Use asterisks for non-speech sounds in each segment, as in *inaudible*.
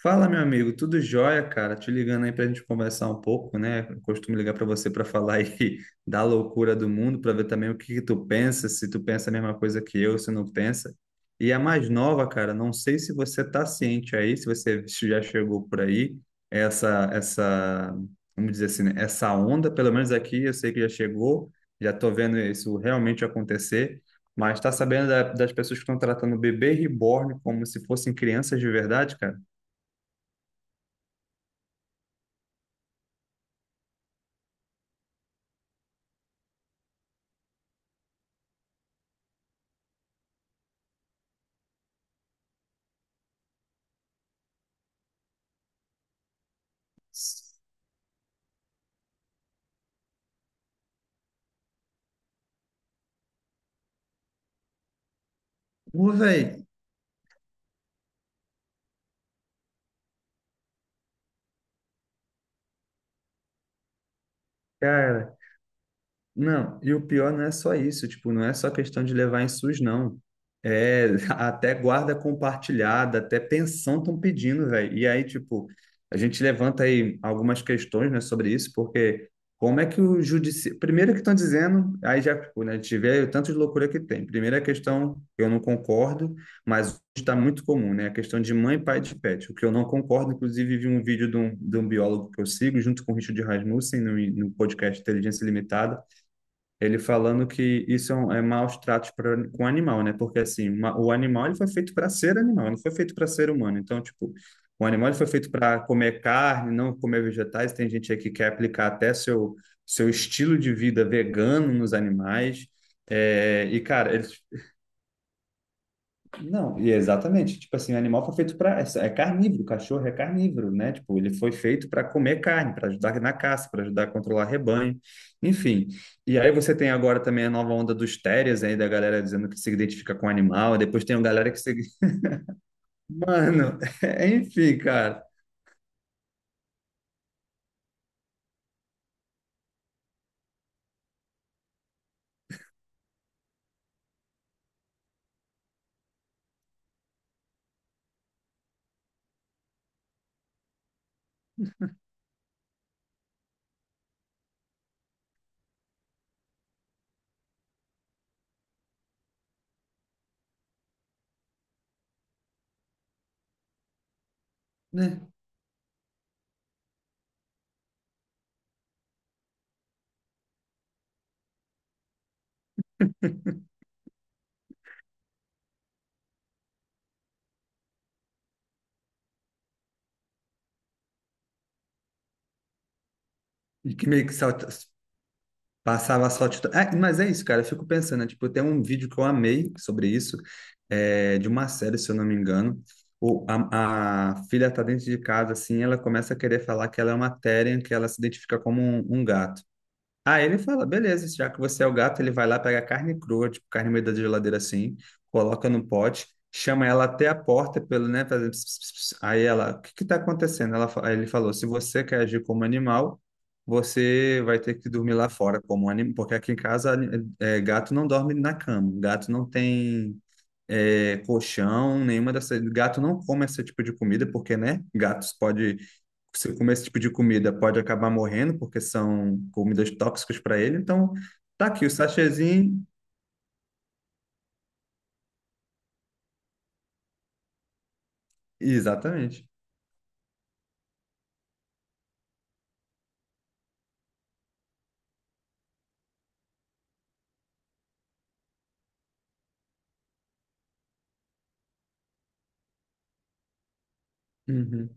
Fala, meu amigo, tudo jóia, cara? Te ligando aí pra gente conversar um pouco, né? Eu costumo ligar pra você pra falar aí *laughs* da loucura do mundo, pra ver também o que que tu pensa, se tu pensa a mesma coisa que eu, se não pensa. E a mais nova, cara, não sei se você tá ciente aí, se você já chegou por aí, essa, essa, vamos dizer assim, né? Essa onda, pelo menos aqui, eu sei que já chegou, já tô vendo isso realmente acontecer. Mas tá sabendo das pessoas que estão tratando o bebê reborn como se fossem crianças de verdade, cara? Ô, velho, cara. Não, e o pior não é só isso, tipo, não é só questão de levar em SUS, não. É *laughs* até guarda compartilhada, até pensão estão pedindo, velho. E aí, tipo, a gente levanta aí algumas questões, né, sobre isso, porque como é que o judiciário. Primeiro que estão dizendo, aí já, tipo, né, a gente vê o tanto de loucura que tem. Primeira questão, eu não concordo, mas está muito comum, né? A questão de mãe, pai de pet, o que eu não concordo. Inclusive, vi um vídeo de um biólogo que eu sigo, junto com o Richard Rasmussen, no podcast Inteligência Limitada, ele falando que isso é, um, é maus tratos pra, com animal, né? Porque assim, o animal ele foi feito para ser animal, não foi feito para ser humano. Então, tipo, o animal ele foi feito para comer carne, não comer vegetais. Tem gente aí que quer aplicar até seu estilo de vida vegano nos animais. É, e, cara, eles não, e é exatamente. Tipo assim, o animal foi feito para. É carnívoro, o cachorro é carnívoro, né? Tipo, ele foi feito para comer carne, para ajudar na caça, para ajudar a controlar rebanho, enfim. E aí você tem agora também a nova onda dos terriers aí, da galera dizendo que se identifica com animal, e depois tem a galera que se. Mano, *laughs* enfim, cara, né? E que meio que passava só tudo. Ah, mas é isso, cara. Eu fico pensando, né? Tipo, tem um vídeo que eu amei sobre isso, é, de uma série, se eu não me engano. A filha tá dentro de casa, assim, ela começa a querer falar que ela é uma Therian, que ela se identifica como um gato. Aí ele fala, beleza, já que você é o gato, ele vai lá, pegar carne crua, tipo, carne no meio da geladeira assim, coloca no pote, chama ela até a porta pelo, né, fazendo... ps, ps, ps. Aí ela, o que que tá acontecendo? Ela, aí ele falou, se você quer agir como animal, você vai ter que dormir lá fora como animal, porque aqui em casa é, gato não dorme na cama, gato não tem é, colchão, nenhuma dessas... Gato não come esse tipo de comida, porque, né, gatos pode se comer esse tipo de comida, pode acabar morrendo, porque são comidas tóxicas para ele. Então, tá aqui o sachêzinho. Exatamente. Uhum.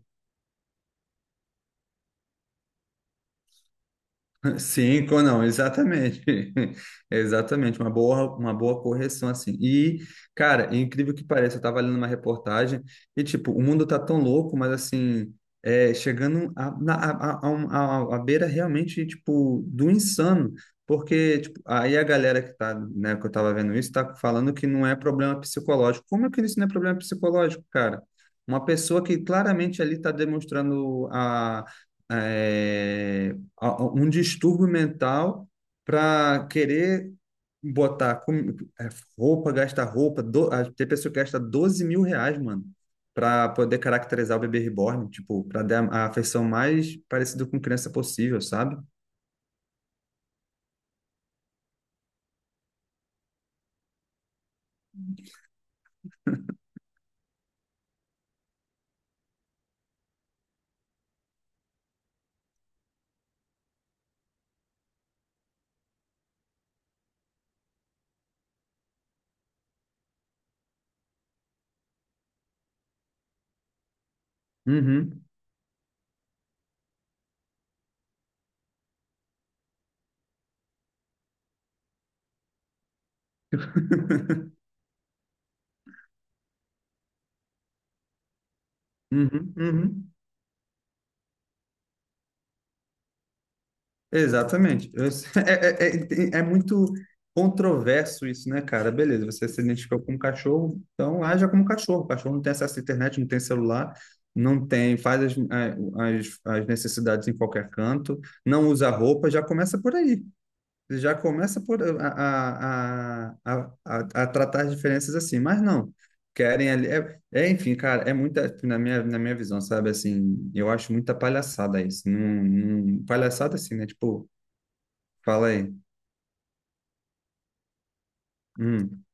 não, exatamente. *laughs* Exatamente, uma boa correção assim. E, cara, é incrível que pareça, eu tava lendo uma reportagem e, tipo, o mundo tá tão louco, mas assim, é, chegando a, na, a, um- a beira realmente, tipo, do insano. Porque, tipo, aí a galera que tá, né, que eu tava vendo isso, tá falando que não é problema psicológico. Como é que isso não é problema psicológico, cara? Uma pessoa que claramente ali tá demonstrando a. eh, um distúrbio mental para querer botar com- é, roupa, gastar roupa. Tem pessoa que gasta 12 mil reais, mano, para poder caracterizar o bebê reborn, tipo, para dar a afeição mais parecida com criança possível, sabe? Uhum. *laughs* Uhum, uhum. Exatamente. *laughs* É, é, é, é muito controverso isso, né, cara? Beleza, você se identificou como cachorro, então haja como cachorro. O cachorro não tem acesso à internet, não tem celular, não tem, faz as necessidades em qualquer canto, não usa roupa, já começa por aí. Já começa por a tratar as diferenças assim, mas não. Querem ali. É, é, enfim, cara, é muita, na minha visão, sabe? Assim, eu acho muita palhaçada isso. Não, palhaçada assim, né? Tipo, falei. Hum.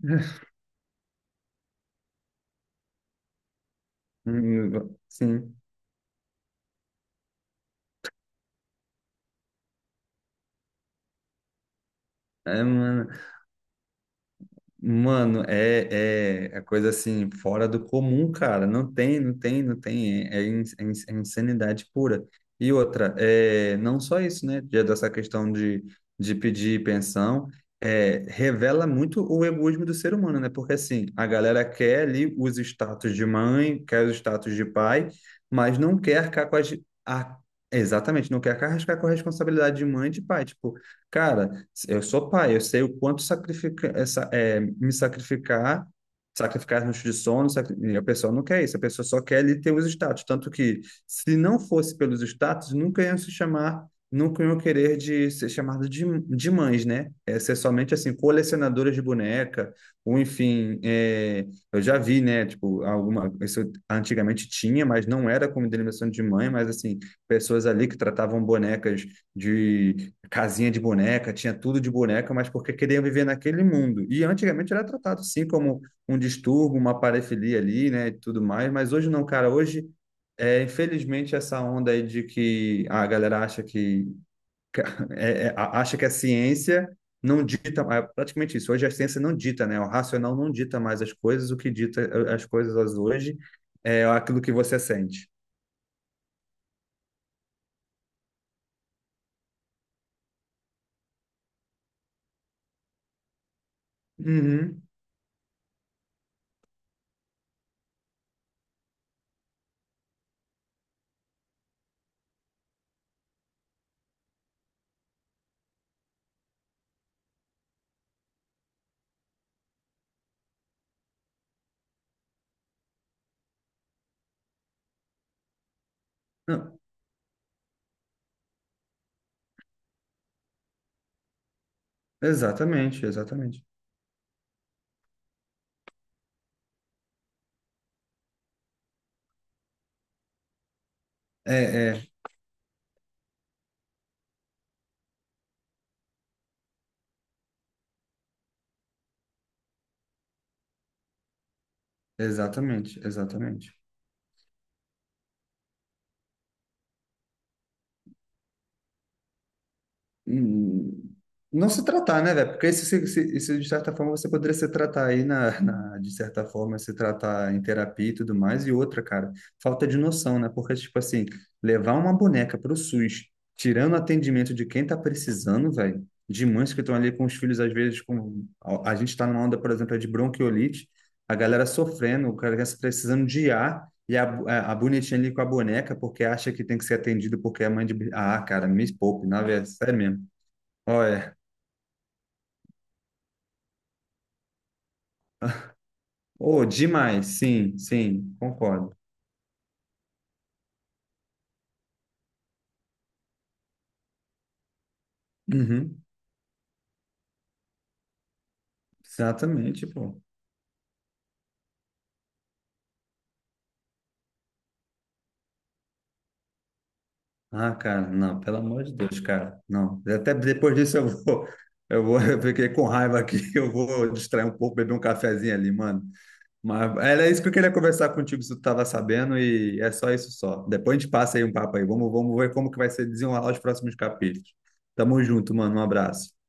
*laughs* Sim. É mano. Mano, é, é, é coisa assim, fora do comum, cara. Não tem, não tem, não tem. É, é insanidade pura. E outra, é, não só isso, né? Já dessa questão de pedir pensão, é, revela muito o egoísmo do ser humano, né? Porque assim, a galera quer ali os status de mãe, quer os status de pai, mas não quer arcar com as. A, exatamente, não quer arcar com a responsabilidade de mãe e de pai. Tipo, cara. Eu sou pai, eu sei o quanto sacrifica, essa, é, me sacrificar, sacrificar as noites de sono, e a pessoa não quer isso, a pessoa só quer ali ter os status. Tanto que, se não fosse pelos status, nunca iam se chamar, nunca iam querer de ser chamado de mães, né? É ser somente, assim, colecionadoras de boneca, ou enfim, é, eu já vi, né, tipo, alguma, isso antigamente tinha, mas não era como denominação de mãe, mas, assim, pessoas ali que tratavam bonecas de casinha de boneca, tinha tudo de boneca, mas porque queriam viver naquele mundo. E antigamente era tratado assim como um distúrbio, uma parafilia ali, né, e tudo mais, mas hoje não, cara, hoje é, infelizmente essa onda aí de que a galera acha que é, é, acha que a ciência não dita, é praticamente isso. Hoje a ciência não dita, né? O racional não dita mais as coisas, o que dita as coisas hoje é aquilo que você sente. Uhum. Não, exatamente, exatamente. É, é, exatamente, exatamente. Hum, não se tratar, né, velho? Porque isso, isso, de certa forma, você poderia se tratar aí, de certa forma, se tratar em terapia e tudo mais. E outra, cara, falta de noção, né? Porque, tipo assim, levar uma boneca pro SUS, tirando o atendimento de quem tá precisando, velho, de mães que estão ali com os filhos, às vezes, com... A, a gente tá numa onda, por exemplo, é de bronquiolite, a galera sofrendo, o cara tá precisando de ar. E a bonitinha ali com a boneca, porque acha que tem que ser atendido porque é mãe de. Ah, cara, me poupe, na verdade, sério mesmo. Olha, oh, demais, sim, sim, concordo. Uhum, exatamente, pô. Ah, cara, não, pelo amor de Deus, cara, não. Até depois disso *laughs* eu fiquei com raiva aqui, *laughs* eu vou distrair um pouco, beber um cafezinho ali, mano. Mas era isso que eu queria conversar contigo, se tu tava sabendo, e é só isso só. Depois a gente passa aí um papo aí, vamos, vamos ver como que vai ser desenrolar os próximos capítulos. Tamo junto, mano, um abraço.